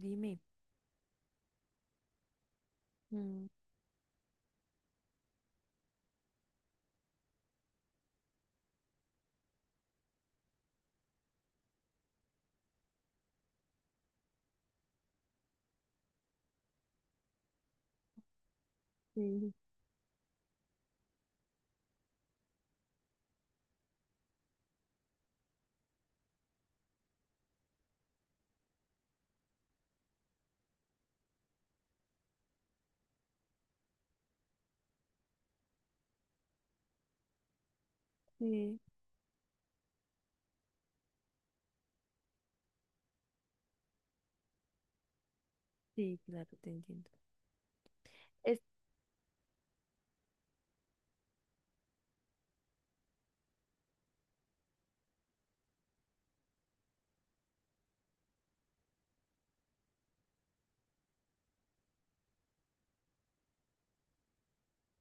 Dime. Mm, sí, sí. Sí, claro, te entiendo. Es,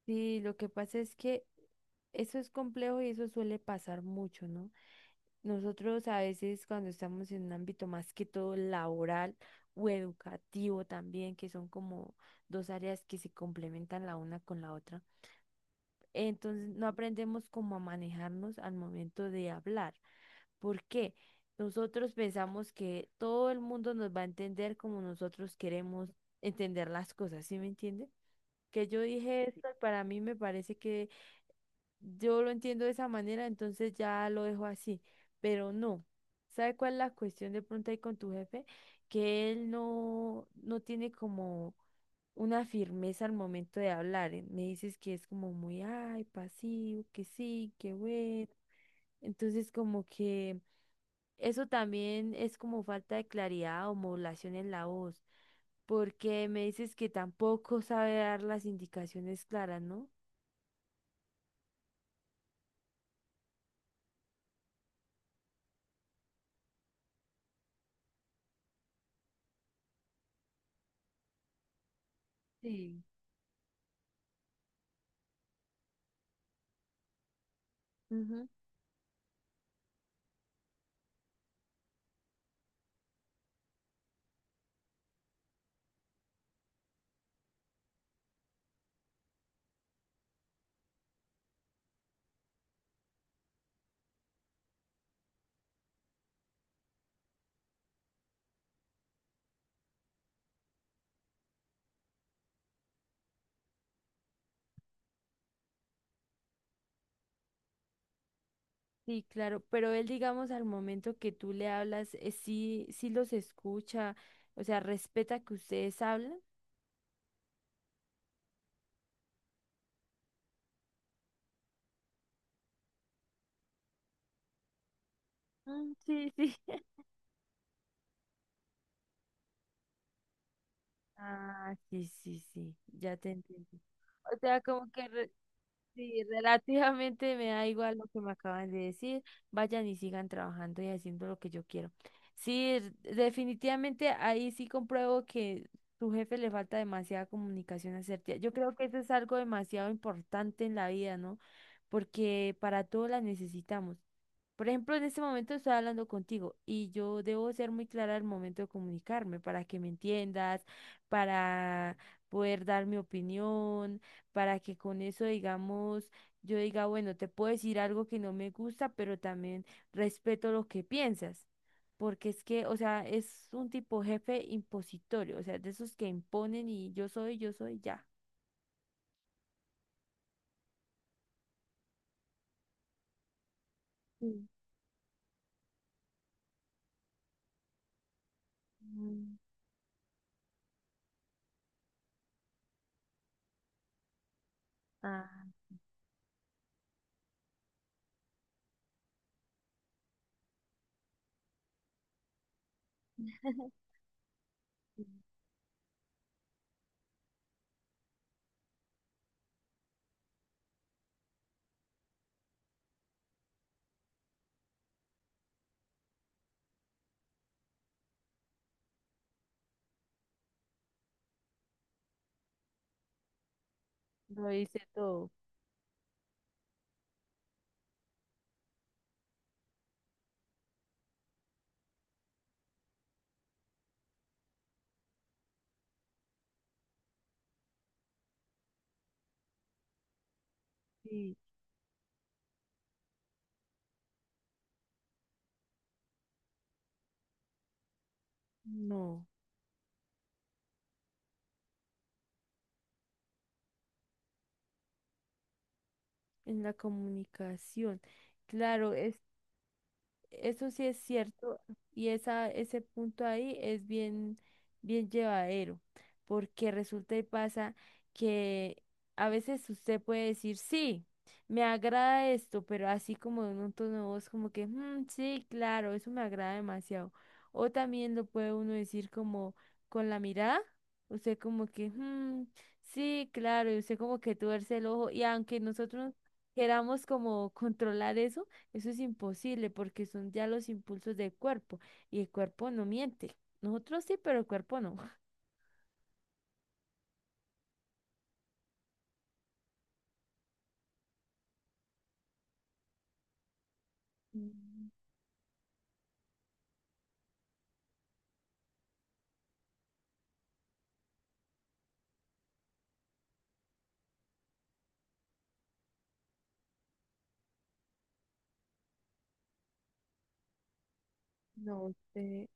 Sí, lo que pasa es que eso es complejo y eso suele pasar mucho, ¿no? Nosotros a veces cuando estamos en un ámbito más que todo laboral o educativo también, que son como dos áreas que se complementan la una con la otra, entonces no aprendemos cómo a manejarnos al momento de hablar. ¿Por qué? Nosotros pensamos que todo el mundo nos va a entender como nosotros queremos entender las cosas, ¿sí me entiende? Que yo dije esto, y para mí me parece que yo lo entiendo de esa manera, entonces ya lo dejo así, pero no. ¿Sabe cuál es la cuestión de pronto ahí con tu jefe? Que él no tiene como una firmeza al momento de hablar. Me dices que es como muy, ay, pasivo, que sí, que bueno. Entonces, como que eso también es como falta de claridad o modulación en la voz, porque me dices que tampoco sabe dar las indicaciones claras, ¿no? Sí. Ujú. Sí, claro, pero él, digamos, al momento que tú le hablas, sí, sí los escucha, o sea, respeta que ustedes hablan. Mm, sí, sí. Ah, sí, sí, sí, ya te entendí. O sea, como que re- Sí, relativamente me da igual lo que me acaban de decir. Vayan y sigan trabajando y haciendo lo que yo quiero. Sí, definitivamente ahí sí compruebo que tu jefe le falta demasiada comunicación asertiva. Yo creo que eso es algo demasiado importante en la vida, ¿no? Porque para todo la necesitamos. Por ejemplo, en este momento estoy hablando contigo y yo debo ser muy clara al momento de comunicarme para que me entiendas, para poder dar mi opinión para que con eso, digamos, yo diga, bueno, te puedo decir algo que no me gusta, pero también respeto lo que piensas. Porque es que, o sea, es un tipo jefe impositorio, o sea, de esos que imponen y yo soy, ya. Sí. Mm. Ah, lo dice todo. Sí. No, en la comunicación. Claro, eso sí es cierto y ese punto ahí es bien, bien llevadero, porque resulta y pasa que a veces usted puede decir, sí, me agrada esto, pero así como en un tono de voz como que, "Mm, sí, claro, eso me agrada demasiado". O también lo puede uno decir como con la mirada, usted como que, "Mm, sí, claro", y usted como que tuerce el ojo y aunque nosotros queramos como controlar eso es imposible porque son ya los impulsos del cuerpo y el cuerpo no miente. Nosotros sí, pero el cuerpo no. Mm. No sé.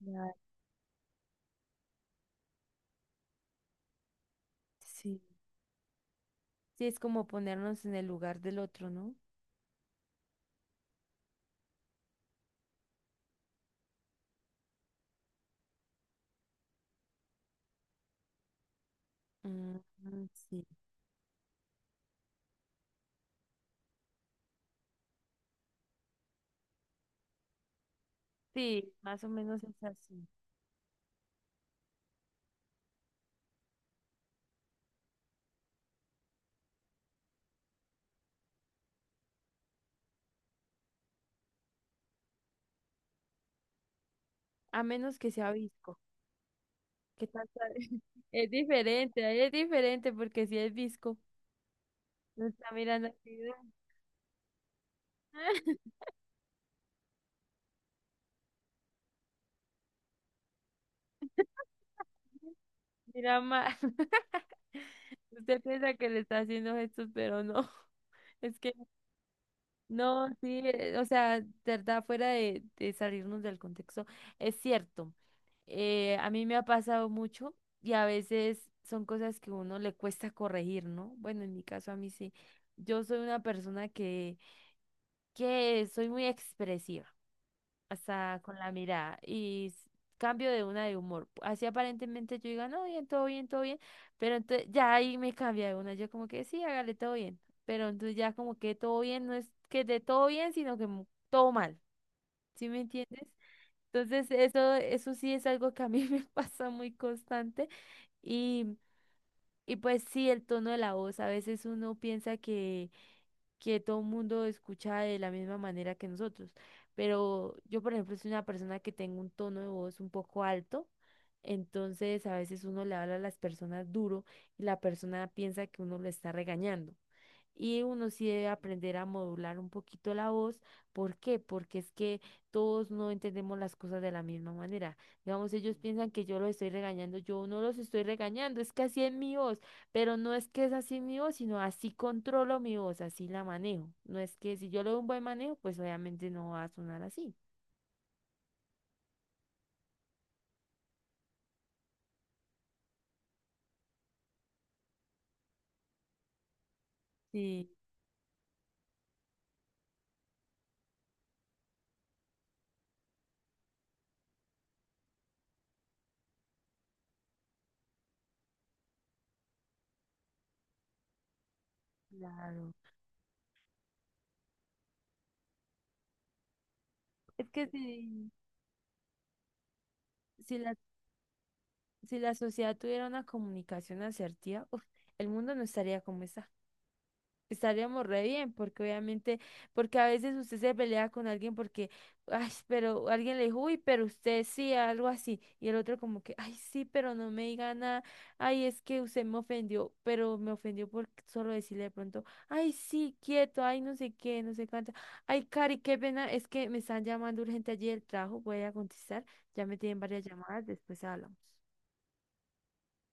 Opinar. Sí. Sí, es como ponernos en el lugar del otro, ¿no? Mm, mm, sí. Sí, más o menos es así. A menos que sea visco. ¿Qué tal? ¿Sabe? Es diferente, ahí es diferente porque si es visco, no está mirando así, ¿no? Mira mal. Usted piensa que le está haciendo gestos, pero no. Es que no, sí, o sea, de verdad, fuera de, salirnos del contexto, es cierto. A mí me ha pasado mucho y a veces son cosas que uno le cuesta corregir, ¿no? Bueno, en mi caso a mí sí. Yo soy una persona que soy muy expresiva hasta con la mirada y cambio de una de humor. Así aparentemente yo diga, no, bien, todo bien, todo bien, pero entonces ya ahí me cambia de una, yo como que sí, hágale todo bien, pero entonces ya como que todo bien no es que de todo bien, sino que todo mal, ¿sí me entiendes? Entonces eso sí es algo que a mí me pasa muy constante y, y pues sí, el tono de la voz, a veces uno piensa que todo el mundo escucha de la misma manera que nosotros. Pero yo, por ejemplo, soy una persona que tengo un tono de voz un poco alto, entonces a veces uno le habla a las personas duro y la persona piensa que uno lo está regañando. Y uno sí debe aprender a modular un poquito la voz. ¿Por qué? Porque es que todos no entendemos las cosas de la misma manera. Digamos, ellos piensan que yo los estoy regañando, yo no los estoy regañando, es que así es mi voz, pero no es que es así mi voz, sino así controlo mi voz, así la manejo. No es que si yo le doy un buen manejo, pues obviamente no va a sonar así. Sí, claro. Es que si la, si la sociedad tuviera una comunicación asertiva, uf, el mundo no estaría como está. Estaríamos re bien, porque obviamente, porque a veces usted se pelea con alguien porque, ay, pero alguien le dijo, uy, pero usted sí, algo así, y el otro como que, ay, sí, pero no me diga nada, ay, es que usted me ofendió, pero me ofendió por solo decirle de pronto, ay, sí, quieto, ay, no sé qué, no sé cuánto, ay, Cari, qué pena, es que me están llamando urgente allí del trabajo, voy a contestar, ya me tienen varias llamadas, después hablamos.